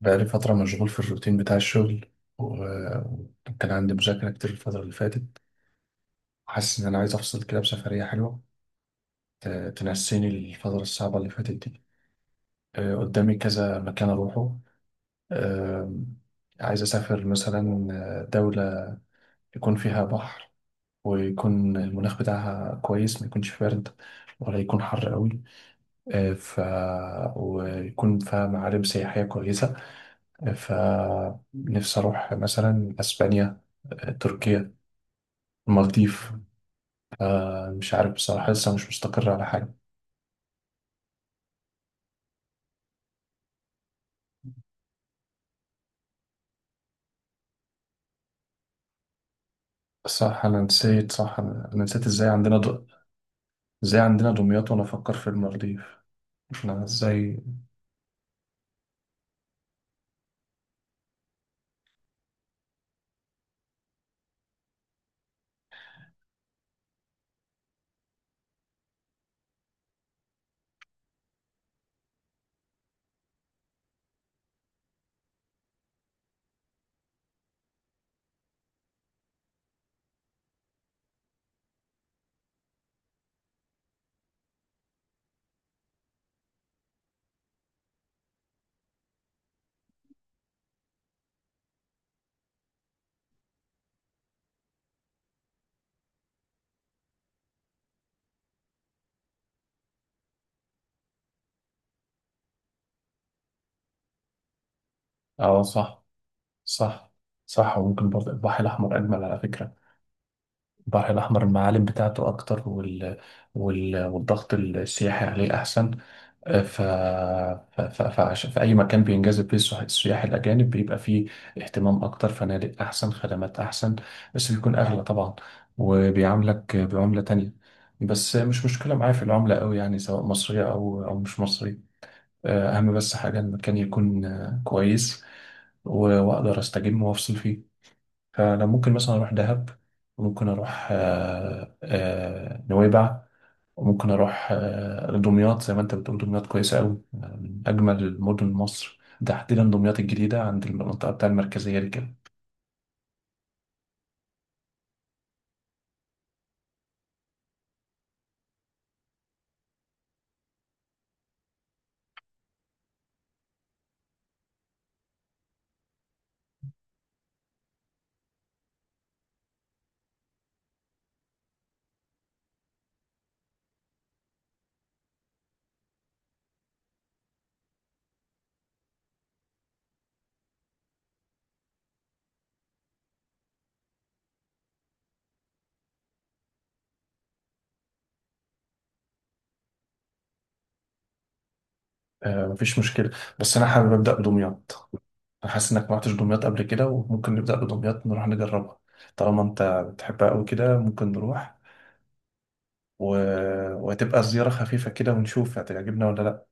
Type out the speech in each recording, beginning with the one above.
بقالي فترة مشغول في الروتين بتاع الشغل و- وكان عندي مذاكرة كتير الفترة اللي فاتت. حاسس إن أنا عايز أفصل كده بسفرية حلوة ت- تنسيني الفترة الصعبة اللي فاتت دي. قدامي كذا مكان أروحه. آه، عايز أسافر مثلا دولة يكون فيها بحر، ويكون المناخ بتاعها كويس، ما يكونش بارد ولا يكون حر قوي، آه، ف ويكون فيها معالم سياحية كويسة. فنفسي أروح مثلا أسبانيا، تركيا، المالديف. مش عارف بصراحة، لسه مش مستقر على حاجة. صح، أنا نسيت، صح، أنا نسيت إزاي عندنا دمياط وأنا أفكر في المالديف؟ إحنا إزاي؟ أه صح. صح. صح، وممكن برضه البحر الأحمر أجمل على فكرة. البحر الأحمر المعالم بتاعته أكتر والضغط السياحي عليه أحسن. في أي مكان بينجذب فيه السياح الأجانب بيبقى فيه اهتمام أكتر، فنادق أحسن، خدمات أحسن، بس بيكون أغلى طبعا، وبيعاملك بعملة تانية. بس مش مشكلة معايا في العملة أوي، يعني سواء مصرية أو مش مصرية. أهم بس حاجة المكان يكون كويس، وأقدر أستجم وأفصل فيه. فأنا ممكن مثلا أروح دهب، ممكن أروح نويبع، وممكن اروح دمياط. زي ما انت بتقول دمياط كويسه قوي، من اجمل مدن مصر، تحديدا دمياط الجديده عند المنطقه بتاع المركزيه دي كده. مفيش مشكله، بس انا حابب ابدا بدمياط. انا حاسس انك ما رحتش دمياط قبل كده، وممكن نبدا بدمياط نروح نجربها طالما انت بتحبها قوي كده. ممكن نروح و- وهتبقى زياره خفيفه كده ونشوف هتعجبنا ولا لا.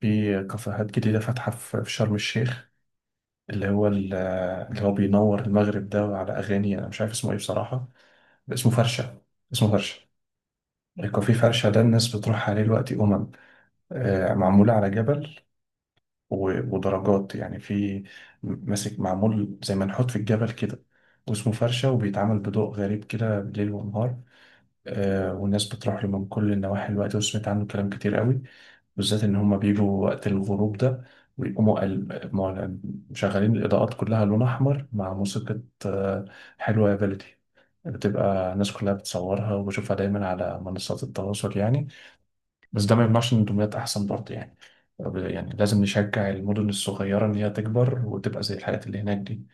في كافيهات جديده فاتحه في شرم الشيخ، اللي هو ال- اللي هو بينور المغرب ده على اغاني، انا مش عارف اسمه ايه بصراحه. اسمه فرشة. اسمه فرشة. الكوفي فرشة ده الناس بتروح عليه دلوقتي. أمم آه، معمول على جبل، ودرجات، يعني في ماسك معمول زي ما نحط في الجبل كده، واسمه فرشة، وبيتعمل بضوء غريب كده بالليل ونهار. والناس بتروح له من كل النواحي الوقت، وسمعت عنه كلام كتير قوي. بالذات إن هما بيجوا وقت الغروب ده ويقوموا قل- مع- مشغلين الإضاءات كلها لون أحمر مع موسيقى. آه، حلوة يا بلدي. بتبقى الناس كلها بتصورها، وبشوفها دايما على منصات التواصل يعني. بس ده ما يمنعش إن الدمياط أحسن برضه يعني. طب يعني لازم نشجع المدن الصغيرة إن هي تكبر وتبقى زي الحاجات اللي هناك دي.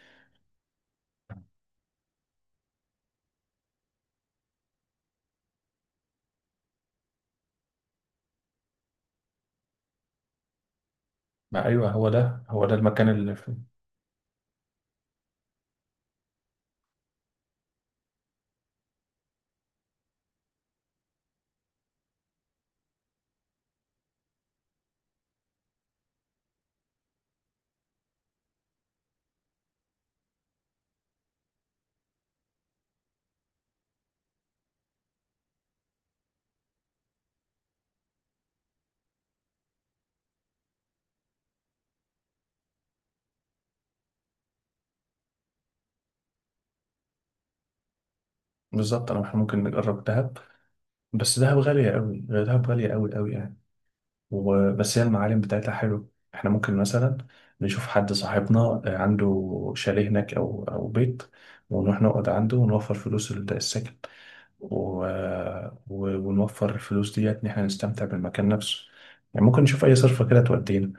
ما أيوه، هو ده المكان بالظبط. أنا إحنا ممكن نجرب دهب، بس دهب غالية قوي، دهب غالية قوي قوي يعني. وبس هي المعالم بتاعتها حلو. احنا ممكن مثلا نشوف حد صاحبنا، عنده شاليه هناك، او بيت، ونروح نقعد عنده ونوفر فلوس السكن و... ونوفر الفلوس ديت ان احنا نستمتع بالمكان نفسه. يعني ممكن نشوف اي صرفة كده تودينا،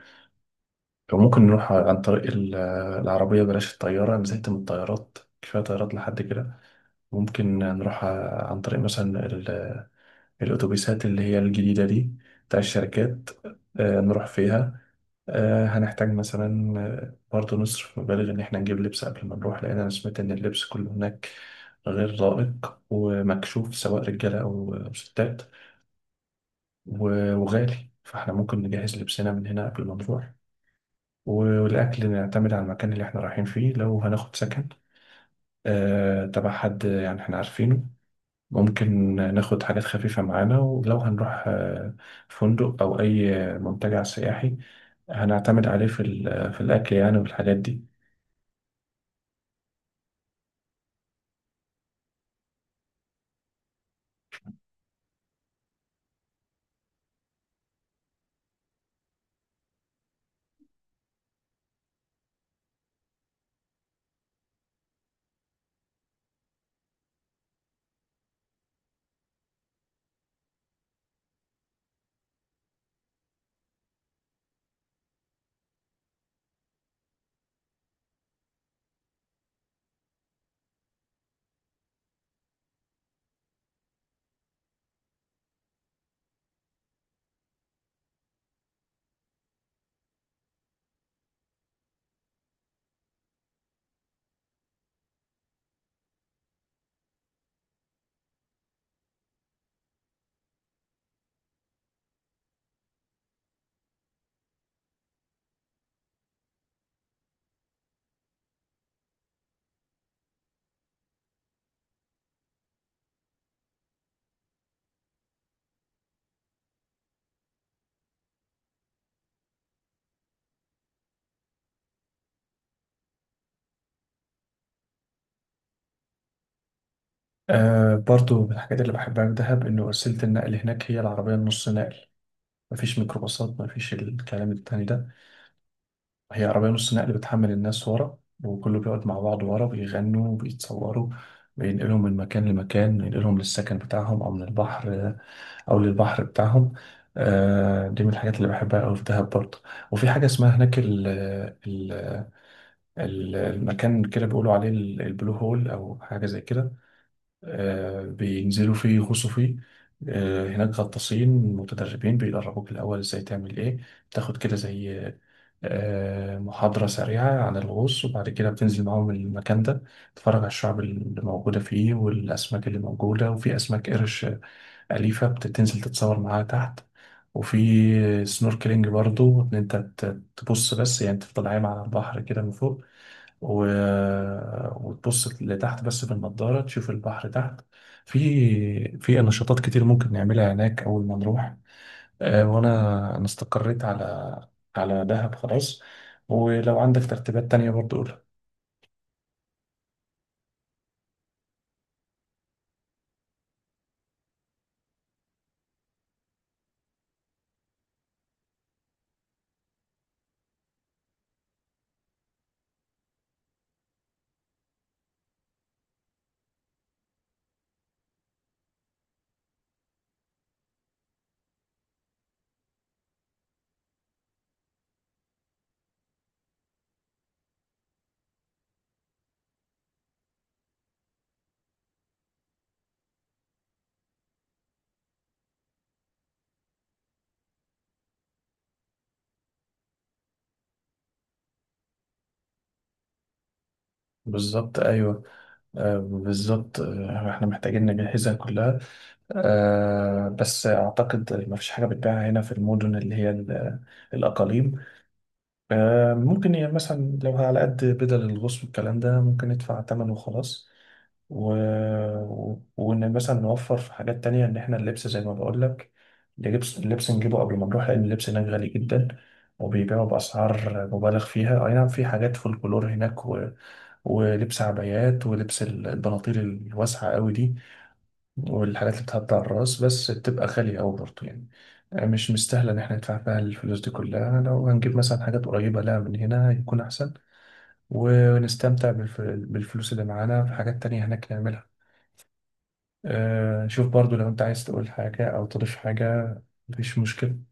او ممكن نروح عن طريق العربية. بلاش الطيارة، نزلت من الطيارات، كفاية طيارات لحد كده. ممكن نروح عن طريق مثلا الأتوبيسات اللي هي الجديدة دي بتاع الشركات. نروح فيها. هنحتاج مثلا برضه نصرف مبالغ إن إحنا نجيب لبس قبل ما نروح، لأن أنا سمعت إن اللبس كله هناك غير لائق ومكشوف، سواء رجالة أو ستات، وغالي. فإحنا ممكن نجهز لبسنا من هنا قبل ما نروح، والأكل نعتمد على المكان اللي إحنا رايحين فيه. لو هناخد سكن تبع حد يعني إحنا عارفينه، ممكن ناخد حاجات خفيفة معانا. ولو هنروح فندق أو أي منتجع سياحي، هنعتمد عليه في الأكل يعني والحاجات دي. برضو من الحاجات اللي بحبها في دهب إن وسيلة النقل هناك هي العربية النص نقل. مفيش ميكروباصات، مفيش الكلام التاني ده. هي عربية نص نقل بتحمل الناس ورا، وكله بيقعد مع بعض ورا بيغنوا وبيتصوروا. بينقلهم من مكان لمكان، بينقلهم للسكن بتاعهم، أو من البحر أو للبحر بتاعهم. دي من الحاجات اللي بحبها أوي في دهب برضه. وفي حاجة اسمها هناك ال المكان كده بيقولوا عليه البلو هول، أو حاجة زي كده. بينزلوا فيه يغوصوا فيه. هناك غطاسين متدربين بيدربوك الأول ازاي تعمل ايه. بتاخد كده زي محاضرة سريعة عن الغوص، وبعد كده بتنزل معاهم المكان ده، تتفرج على الشعب اللي موجودة فيه والأسماك اللي موجودة. وفي أسماك قرش أليفة، بتنزل تتصور معاها تحت. وفي سنوركلينج برضو، إن أنت تبص بس، يعني تفضل عايم على البحر كده من فوق و... وتبص لتحت بس بالنضارة تشوف البحر تحت. في نشاطات كتير ممكن نعملها هناك أول ما نروح. وأنا أنا استقريت على على دهب خلاص، ولو عندك ترتيبات تانية برضو قولها. بالظبط، أيوه. بالظبط، احنا محتاجين نجهزها كلها. بس أعتقد ما فيش حاجة بتباع هنا في المدن اللي هي الأقاليم. ممكن يعني مثلا، لو على قد بدل الغوص والكلام ده، ممكن ندفع تمن وخلاص، و... وإن مثلا نوفر في حاجات تانية. إن إحنا اللبس زي ما بقول لك، اللبس نجيبه قبل ما نروح، لأن اللبس هناك غالي جدا، وبيبيعوا بأسعار مبالغ فيها. أي نعم في حاجات فولكلور هناك ولبس عبايات، ولبس البناطيل الواسعة قوي دي، والحاجات اللي بتعدي على الراس، بس بتبقى غالية أوي برضه يعني. مش مستاهلة إن إحنا ندفع فيها الفلوس دي كلها. لو هنجيب مثلا حاجات قريبة لها من هنا يكون أحسن، ونستمتع بالفلوس اللي معانا في حاجات تانية هناك نعملها. أه شوف برضه، لو أنت عايز تقول حاجة أو تضيف حاجة مفيش مشكلة.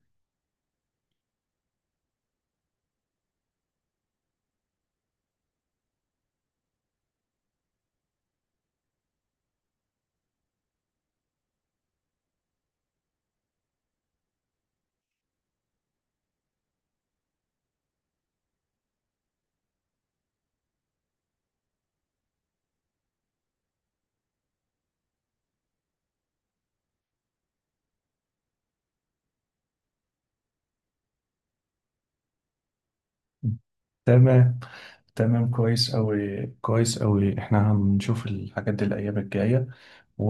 تمام، تمام، كويس أوي، كويس أوي. إحنا هنشوف الحاجات دي الأيام الجاية، و...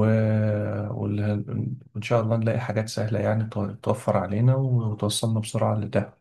وال- وإن شاء الله نلاقي حاجات سهلة، يعني توفر علينا وتوصلنا بسرعة لده.